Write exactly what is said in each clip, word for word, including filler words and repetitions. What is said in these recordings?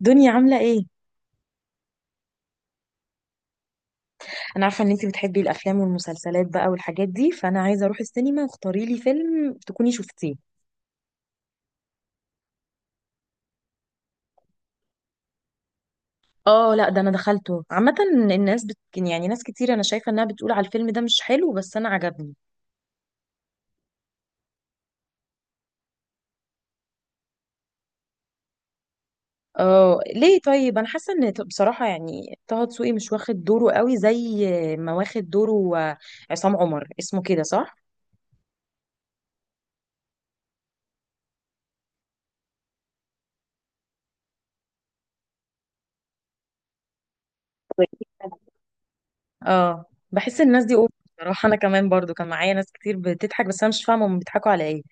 دنيا عاملة ايه؟ انا عارفة ان انتي بتحبي الافلام والمسلسلات بقى والحاجات دي، فانا عايزة اروح السينما واختاري لي فيلم تكوني شفتيه. اه لا، ده انا دخلته عامة. الناس بت... يعني ناس كتير انا شايفة انها بتقول على الفيلم ده مش حلو، بس انا عجبني. اه، ليه؟ طيب انا حاسة ان ط- بصراحة يعني طه دسوقي مش واخد دوره قوي زي ما واخد دوره. آه، عصام عمر اسمه كده صح؟ اه، بحس الناس دي اوفر. بصراحة انا كمان برضو كان معايا ناس كتير بتضحك، بس انا مش فاهمة هم بيضحكوا على ايه.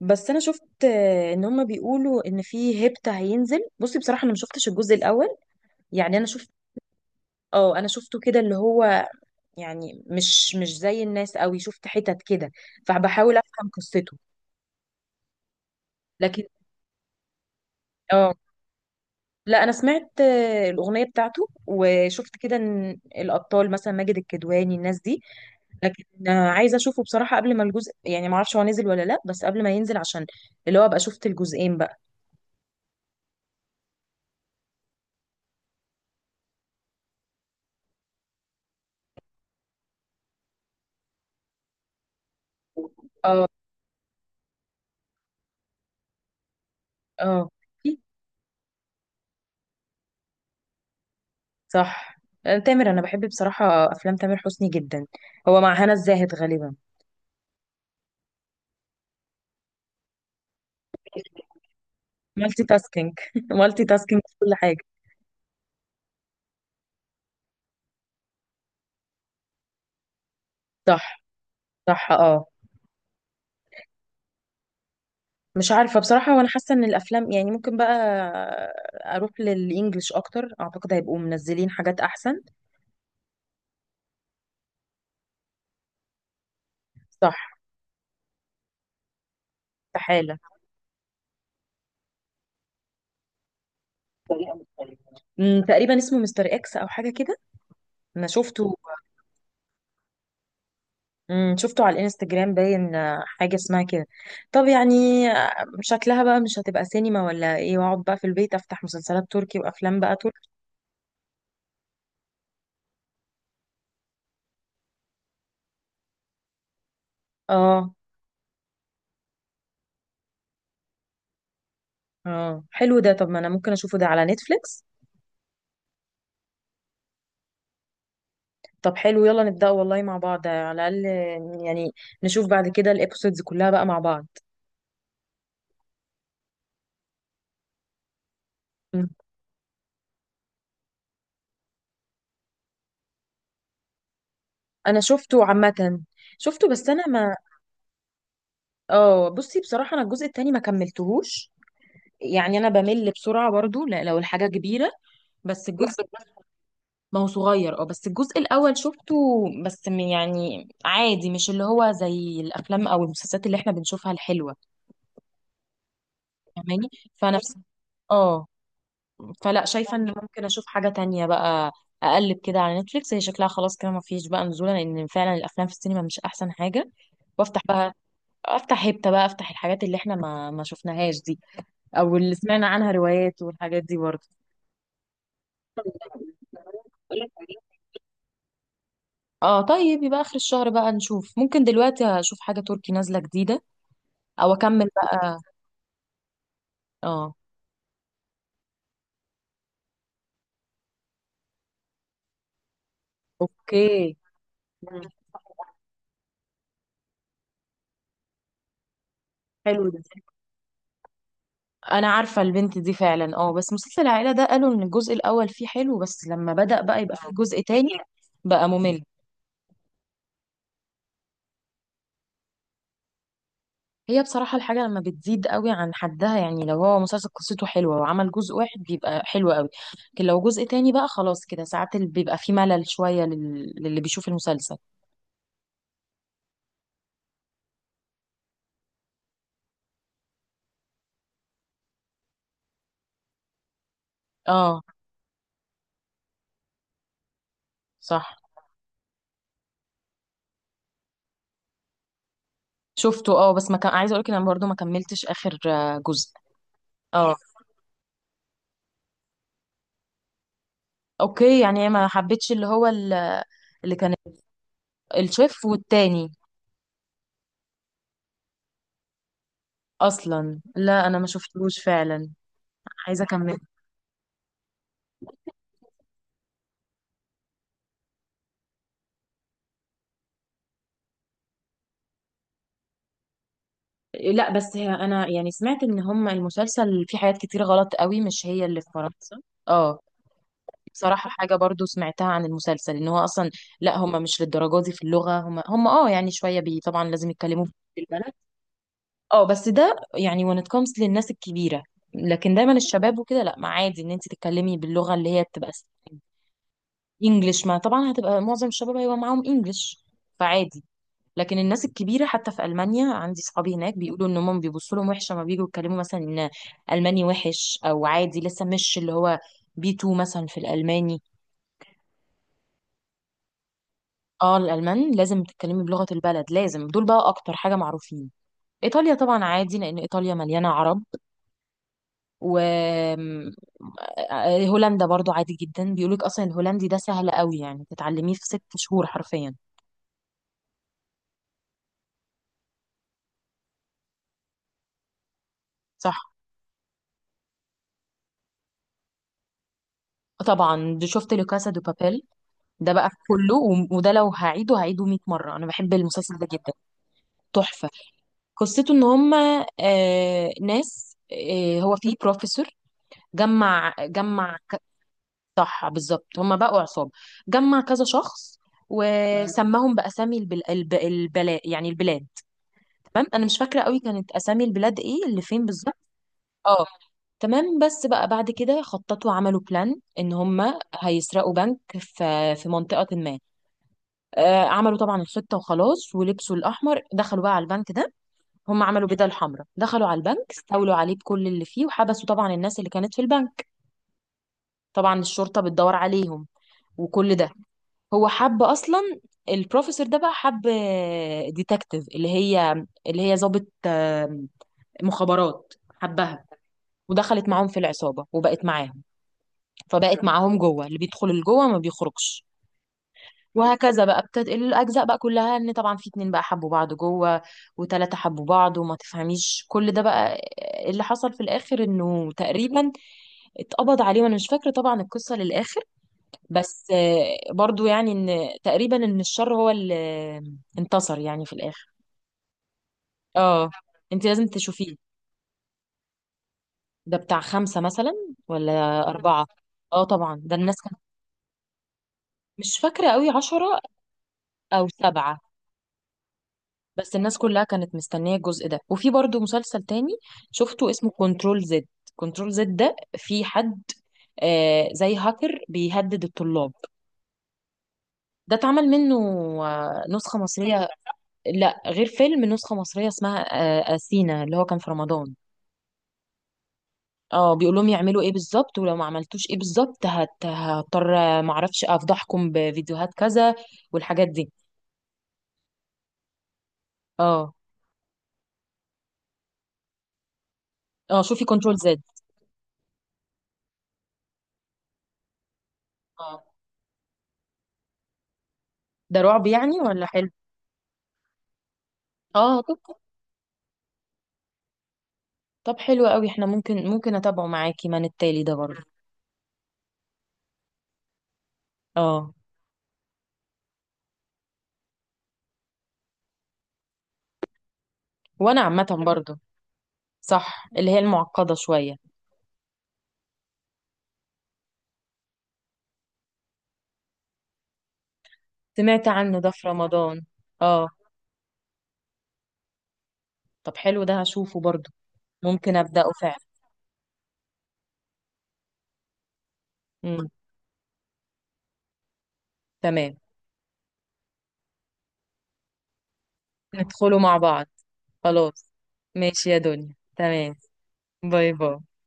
بس انا شفت آه، ان هما بيقولوا ان في هيبت هينزل. بصي بصراحه انا ما شفتش الجزء الاول، يعني انا شفت اه انا شفته كده اللي هو، يعني مش مش زي الناس قوي، شفت حتت كده فبحاول افهم قصته. لكن اه لا، انا سمعت آه، الاغنيه بتاعته وشفت كده إن الابطال مثلا ماجد الكدواني الناس دي، لكن آه، عايزه اشوفه بصراحه قبل ما الجزء، يعني ما اعرفش هو نزل ولا لا، بس قبل ما ينزل عشان اللي هو ابقى شفت الجزئين بقى. اه. اه، صح. آه، تامر، انا بحب بصراحه افلام تامر حسني جدا، هو مع هنا الزاهد غالبا. مالتي تاسكينج مالتي تاسكينج في كل حاجه. صح، صح، اه. مش عارفه بصراحه، وانا حاسه ان الافلام يعني ممكن بقى اروح للانجليش اكتر، اعتقد هيبقوا منزلين حاجات احسن. صح. استحاله. طريقة مختلفة. أمم، تقريبا اسمه مستر اكس او حاجه كده، انا شفته. امم شفته على الانستجرام، باين آه، حاجة اسمها كده. طب يعني آه، شكلها بقى مش هتبقى سينما ولا ايه، واقعد بقى في البيت افتح مسلسلات تركي وافلام بقى تركي. اه. اه، حلو ده، طب ما انا ممكن اشوفه ده على نتفليكس. طب حلو، يلا نبدأ والله مع بعض، على الاقل آه، يعني نشوف بعد كده الابيسودز كلها بقى مع بعض. مم. انا شفته عامة، شفته بس انا ما اه بصي، بصراحة انا الجزء التاني ما كملتهوش، يعني انا بمل بسرعة برضو لا- لو الحاجة كبيرة. بس الجزء، ما هو صغير اه، بس الجزء الاول شفته، بس م- يعني عادي، مش اللي هو زي الافلام او المسلسلات اللي احنا بنشوفها الحلوه. فاهماني، فنفس. اه، فلا شايفه ان ممكن اشوف حاجه تانية بقى، اقلب كده على نتفليكس، هي شكلها خلاص كده ما فيش بقى نزوله، لان فعلا الافلام في السينما مش احسن حاجه. وافتح بقى، افتح هيبتا بقى، افتح الحاجات اللي احنا ما ما شفناهاش دي، او اللي سمعنا عنها روايات والحاجات دي برضه. اه، طيب يبقى اخر الشهر بقى نشوف. ممكن دلوقتي اشوف حاجة تركي نازلة جديدة او اكمل بقى. اه. اوكي. مم. حلو ده، انا عارفة البنت دي فعلا. اه، بس مسلسل العائلة ده قالوا ان الجزء الاول فيه حلو، بس لما بدأ بقى يبقى فيه جزء تاني بقى ممل. هي بصراحة الحاجة لما بتزيد قوي عن حدها، يعني لو هو مسلسل قصته حلوة وعمل جزء واحد بيبقى حلو قوي، لكن لو جزء تاني بقى خلاص كده، ساعات ال- بيبقى فيه ملل شوية لل... للي بيشوف المسلسل. اه، صح. شفته، اه، بس ما كان عايزه اقولك إن انا برضو ما كملتش اخر آه، جزء. اه، اوكي، يعني ما حبيتش اللي هو ال- اللي كان الشيف والتاني، اصلا لا انا ما شفتهوش فعلا، عايزه اكمل. لا بس هي انا يعني سمعت ان هم المسلسل فيه حاجات كتير غلط قوي، مش هي اللي في فرنسا. اه، بصراحه حاجه برضو سمعتها عن المسلسل، ان هو اصلا لا هم مش للدرجه دي في اللغه، هم هم اه يعني شويه، بي طبعا لازم يتكلموا في البلد. اه بس ده يعني when it comes للناس الكبيرة، لكن دايما الشباب وكده لا، ما عادي ان انت تتكلمي باللغة اللي هي بتبقى انجلش، ما طبعا هتبقى معظم الشباب هيبقى معاهم انجلش فعادي. لكن الناس الكبيرة حتى في ألمانيا، عندي صحابي هناك بيقولوا ان هم بيبصوا لهم وحشة ما بييجوا يتكلموا مثلا ان ألماني وحش، او عادي لسه مش اللي هو بي اتنين مثلا في الألماني. اه، الألمان لازم تتكلمي بلغة البلد، لازم دول بقى اكتر حاجة معروفين. إيطاليا طبعا عادي لأن إيطاليا مليانة عرب، وهولندا برضو عادي جدا، بيقولك اصلا الهولندي ده سهل قوي يعني تتعلميه في ست شهور حرفيا. صح، طبعا دي شفت لو كاسا دو بابيل، ده بقى كله و- وده لو هعيده هعيده مئة مره، انا بحب المسلسل ده جدا، تحفه. قصته ان هم آه ناس، آه هو في بروفيسور، جمع جمع ك- صح بالظبط، هم بقوا عصابه، جمع كذا شخص وسماهم باسامي البل... الب... البلا... يعني البلاد. تمام، انا مش فاكره قوي كانت اسامي البلاد ايه اللي فين بالظبط. اه تمام، بس بقى بعد كده خططوا، عملوا بلان ان هم هيسرقوا بنك في في منطقه ما. آه عملوا طبعا الخطه وخلاص، ولبسوا الاحمر، دخلوا بقى على البنك ده، هم عملوا بدل حمراء، دخلوا على البنك استولوا عليه بكل اللي فيه، وحبسوا طبعا الناس اللي كانت في البنك. طبعا الشرطه بتدور عليهم وكل ده. هو حب اصلا، البروفيسور ده بقى حب ديتكتيف، اللي هي اللي هي ضابط آه، مخابرات، حبها ودخلت معاهم في العصابة وبقت معاهم. فبقت معاهم جوه، اللي بيدخل لجوه ما بيخرجش. وهكذا بقى بتنقل الأجزاء بقى كلها، إن طبعا في اتنين بقى حبوا بعض جوه، وتلاتة حبوا بعض وما تفهميش كل ده بقى. اللي حصل في الآخر إنه تقريبا اتقبض عليه، وأنا مش فاكرة طبعا القصة للآخر، بس آه، برضو يعني إن تقريبا إن الشر هو اللي انتصر يعني في الآخر. اه، انت لازم تشوفيه. ده بتاع خمسة مثلا ولا أربعة. اه طبعا ده الناس، مش فاكرة قوي، عشرة أو سبعة. بس الناس كلها كانت مستنية الجزء ده. وفي برضو مسلسل تاني شفته اسمه كنترول زد. كنترول زد، ده في حد آه زي هاكر بيهدد الطلاب. ده اتعمل منه آه نسخة مصرية، لا غير فيلم، نسخة مصرية اسمها آه أثينا اللي هو كان في رمضان. اه، بيقول لهم يعملوا ايه بالظبط، ولو ما عملتوش ايه بالظبط هت- هضطر آه، معرفش افضحكم بفيديوهات كذا والحاجات دي. اه. اه، شوفي كنترول زد. ده رعب يعني ولا حلو؟ اه، طب، طب حلو قوي، احنا ممكن ممكن اتابعه معاكي من التالي ده برضه. اه، وانا عامه برضه. صح، اللي هي المعقده شويه. سمعت عنه ده في رمضان. اه، طب حلو ده هشوفه برضه، ممكن ابداه فعلا. امم، تمام. ندخله مع بعض خلاص. ماشي يا دنيا، تمام. باي باي.